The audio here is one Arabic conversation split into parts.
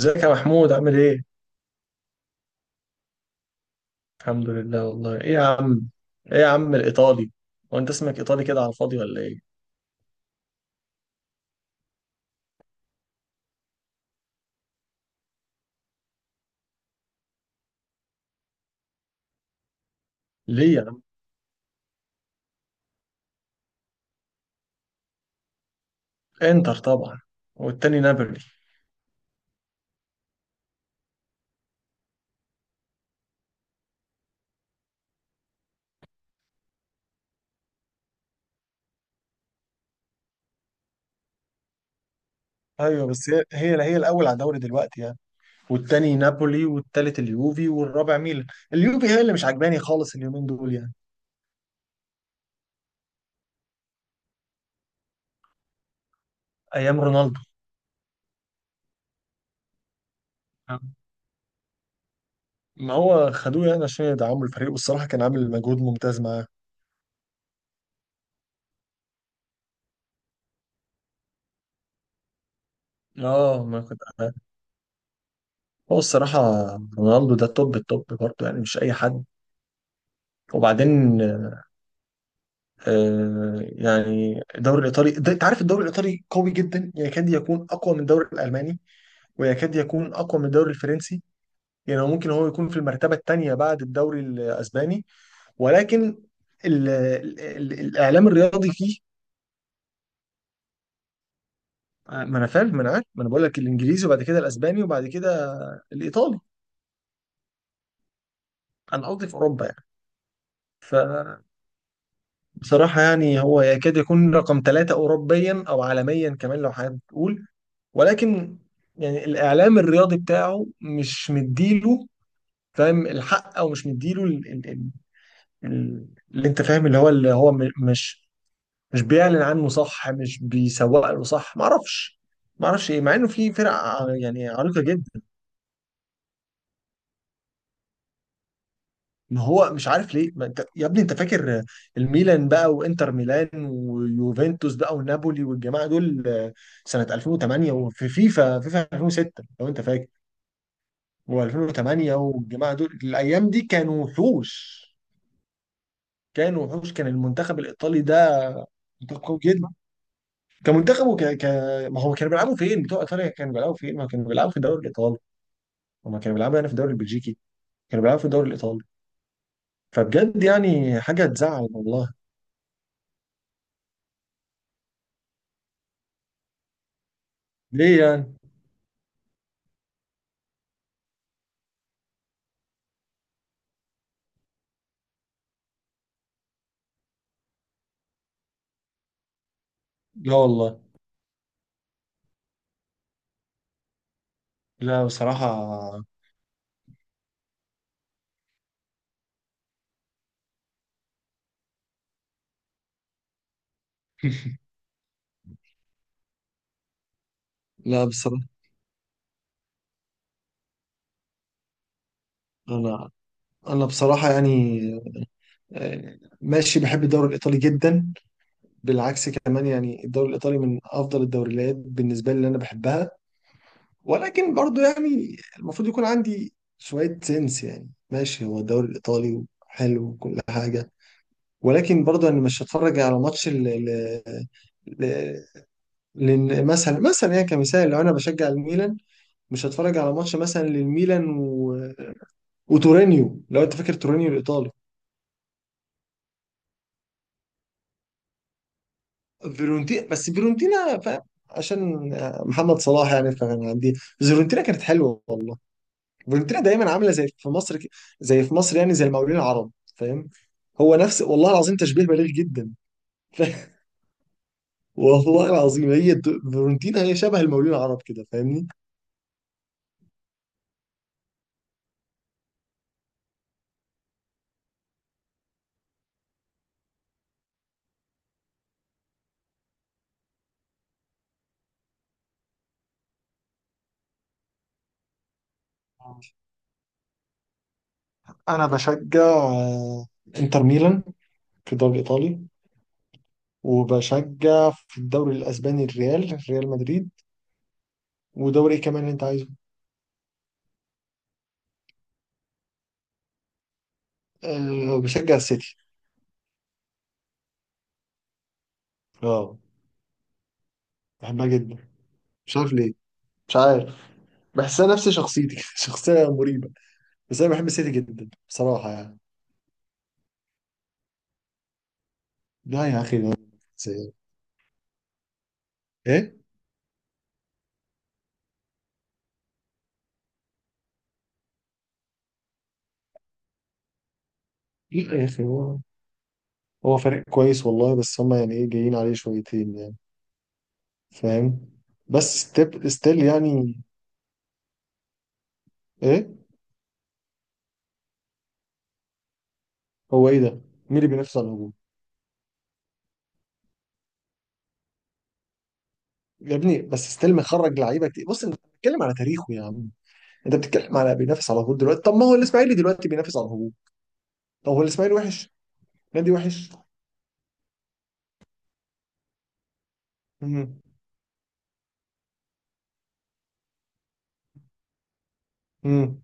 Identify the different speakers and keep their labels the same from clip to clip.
Speaker 1: ازيك يا محمود، عامل ايه؟ الحمد لله والله. ايه يا عم؟ ايه يا عم الايطالي؟ هو انت اسمك ايطالي كده على الفاضي ولا ايه؟ ليه يا عم؟ انتر طبعا. والتاني نابولي. ايوه، بس هي الاول على الدوري دلوقتي يعني. والتاني نابولي والتالت اليوفي والرابع ميلان. اليوفي هي اللي مش عجباني خالص اليومين دول يعني. ايام رونالدو. ما هو خدوه يعني عشان يدعموا الفريق، والصراحه كان عامل مجهود ممتاز معاه. اه ما كنت. هو الصراحه رونالدو ده توب التوب برضه، يعني مش اي حد. وبعدين يعني الدوري الايطالي ده، انت عارف الدوري الايطالي قوي جدا، يعني يكاد يكون اقوى من الدوري الالماني، ويكاد يكون اقوى من الدوري الفرنسي. يعني ممكن هو يكون في المرتبه الثانيه بعد الدوري الاسباني، ولكن ال الاعلام الرياضي فيه. ما انا فاهم، ما انا عارف، ما انا بقول لك الانجليزي وبعد كده الاسباني وبعد كده الايطالي. انا قصدي في اوروبا يعني، فبصراحه يعني هو يكاد يكون رقم ثلاثه اوروبيا او عالميا كمان لو حابب تقول. ولكن يعني الاعلام الرياضي بتاعه مش مديله، فاهم، الحق او مش مديله اللي انت فاهم، اللي هو مش بيعلن عنه صح، مش بيسوق له صح، ما اعرفش ايه، مع انه في فرق يعني عريقه جدا. ما هو مش عارف ليه، ما انت يا ابني انت فاكر الميلان بقى وانتر ميلان ويوفنتوس بقى ونابولي والجماعه دول سنه 2008، وفي فيفا 2006 لو انت فاكر، و2008، والجماعه دول الايام دي كانوا وحوش. كانوا وحوش. كان المنتخب الايطالي ده منتخب قوي جدا. كمنتخب ما هو كانوا بيلعبوا فين؟ بتوع ايطاليا كانوا بيلعبوا فين؟ ما كانوا بيلعبوا في الدوري الايطالي، وما كانوا بيلعبوا يعني في الدوري البلجيكي. كانوا بيلعبوا في الدوري الايطالي، فبجد يعني حاجه تزعل والله. ليه يعني؟ لا والله. لا بصراحه. لا بصراحة. أنا أنا بصراحة يعني ماشي، بحب الدوري الإيطالي جدا. بالعكس كمان، يعني الدوري الإيطالي من أفضل الدوريات بالنسبة لي، اللي أنا بحبها. ولكن برضو يعني المفروض يكون عندي شوية سنس. يعني ماشي، هو الدوري الإيطالي حلو وكل حاجة، ولكن برضو أنا مش هتفرج على ماتش ل- لان مثلا يعني كمثال، لو انا بشجع الميلان، مش هتفرج على ماتش مثلا للميلان وتورينيو، لو انت فاكر تورينيو الايطالي. فيرونتينا، بس فيرونتينا، فاهم، عشان محمد صلاح يعني، فكان عندي فيرونتينا كانت حلوه والله. فالورنتينا دايما عامله زي في مصر، زي في مصر، يعني زي المقاولين العرب، فاهم. هو نفس، والله العظيم تشبيه بليغ جدا. والله العظيم، فيورنتينا هي شبه المقاولين العرب كده، فاهمني. انا بشجع انتر ميلان في الدوري الايطالي. وبشجع في الدوري الاسباني ريال مدريد. ودوري ايه كمان اللي انت عايزه؟ أه، بشجع السيتي. اه، بحبها جدا. مش عارف ليه. مش عارف. بحسها نفس شخصيتي شخصيه مريبه. بس انا بحب السيتي جدا بصراحه يعني. لا يا اخي ده. زي- ايه. لا يا اخي، هو فريق كويس والله. بس هم يعني ايه، جايين عليه شويتين يعني، فاهم. بس ستيب ستيل يعني. ايه. هو ايه ده؟ مين اللي بينافس على الهجوم؟ يا ابني بس ستيل مخرج لعيبه كتير. بص، انت بتتكلم على تاريخه يا عم. انت بتتكلم على بينافس على الهجوم دلوقتي. طب ما هو الاسماعيلي دلوقتي بينافس على الهجوم. طب هو الاسماعيلي وحش؟ نادي وحش؟ امم امم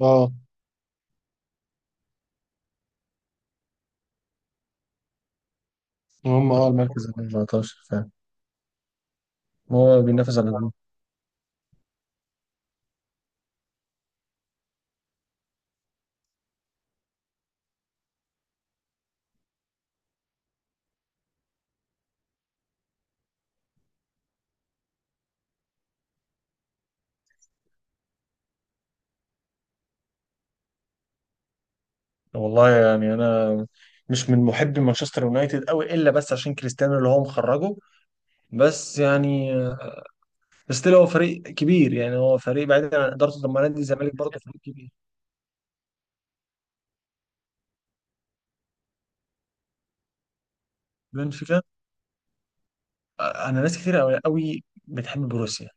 Speaker 1: اه هم اه المركز ال 14، فاهم. هو بينافس على الهجوم. والله يعني انا مش من محبي مانشستر يونايتد قوي، الا بس عشان كريستيانو اللي هو مخرجه. بس يعني ستيل هو فريق كبير، يعني هو فريق بعيد عن ادارته. طب ما نادي الزمالك برضه فريق كبير. بنفيكا. انا ناس كتير قوي قوي بتحب بروسيا.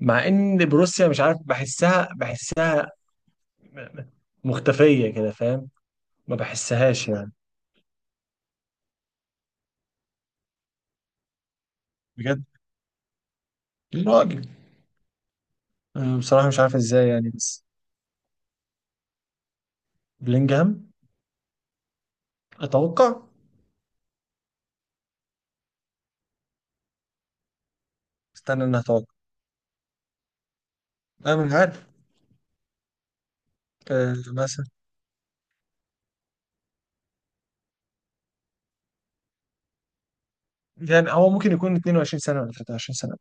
Speaker 1: مع ان بروسيا مش عارف، بحسها مختفيه كده، فاهم؟ ما بحسهاش يعني. بجد. راجل. أنا بصراحه مش عارف ازاي يعني، بس بلينجهام. اتوقع. استنى، انا اتوقع. انا مش عارف. أه مثلا. يعني هو ممكن يكون 22 سنة ولا 23 سنة.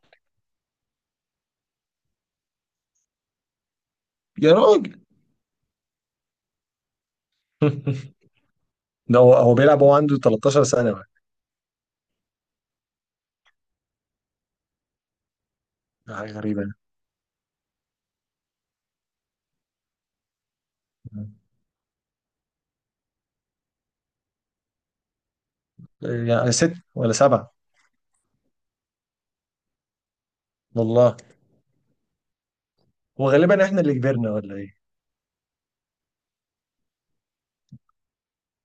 Speaker 1: يا راجل. ده هو بيلعب وهو عنده 13 سنة بقى. ده حاجة غريبة. يعني يعني ست ولا سبعة. والله. هو غالبا احنا اللي كبرنا ولا ايه؟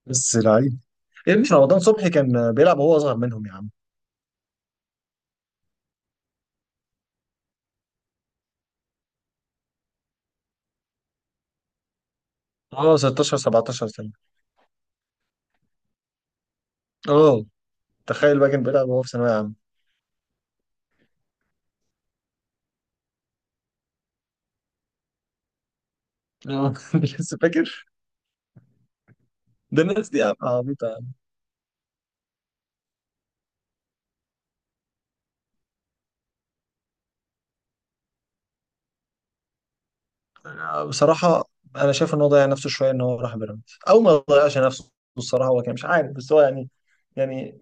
Speaker 1: بس لعيب. يا ابني رمضان صبحي كان بيلعب وهو اصغر منهم يا عم. اه، 16 17 سنة. اه تخيل بقى، كان بيلعب وهو في ثانوية عامة. اه. لسه فاكر. ده الناس دي عبيطة يا عم. أنا بصراحة انا شايف ان هو ضيع نفسه شوية، ان هو راح بيراميدز. او ما ضيعش نفسه، الصراحة هو كان مش عارف، بس هو يعني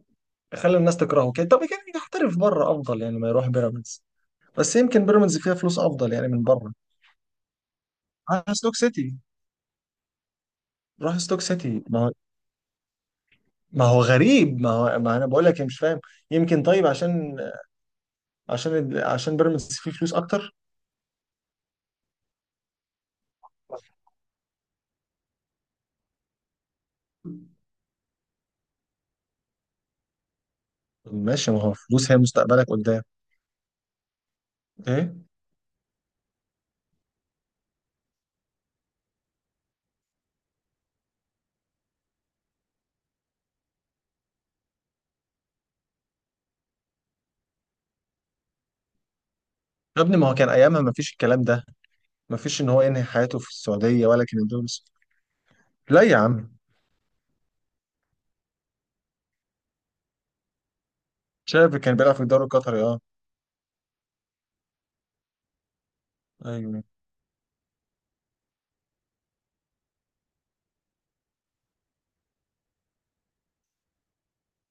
Speaker 1: خلى الناس تكرهه كده. طب كان يحترف بره افضل، يعني ما يروح بيراميدز. بس يمكن بيراميدز فيها فلوس افضل يعني من بره. راح ستوك سيتي. راح ستوك سيتي، ما هو. ما هو غريب، ما هو، ما انا بقول لك، يعني مش فاهم. يمكن طيب، عشان بيراميدز فيه فلوس اكتر. ماشي، ما هو فلوس هي مستقبلك قدام. ايه. يا ابني ما هو كان ايامها ما فيش الكلام ده. ما فيش ان هو ينهي حياته في السعوديه، ولا كان لا يا عم. شايف كان بيلعب في الدوري القطري، اه. ايوه،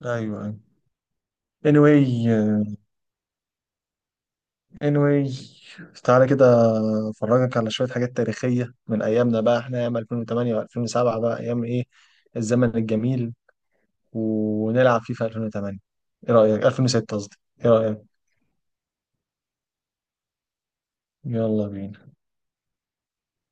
Speaker 1: ايوه، ايوه. Anyway. Anyway. تعالى كده افرجك على شوية حاجات تاريخية من أيامنا بقى، احنا أيام 2008 و2007 بقى، أيام إيه، الزمن الجميل. ونلعب فيه في 2008. إيه رأيك؟ 2006 قصدي. إيه رأيك؟ يلا بينا.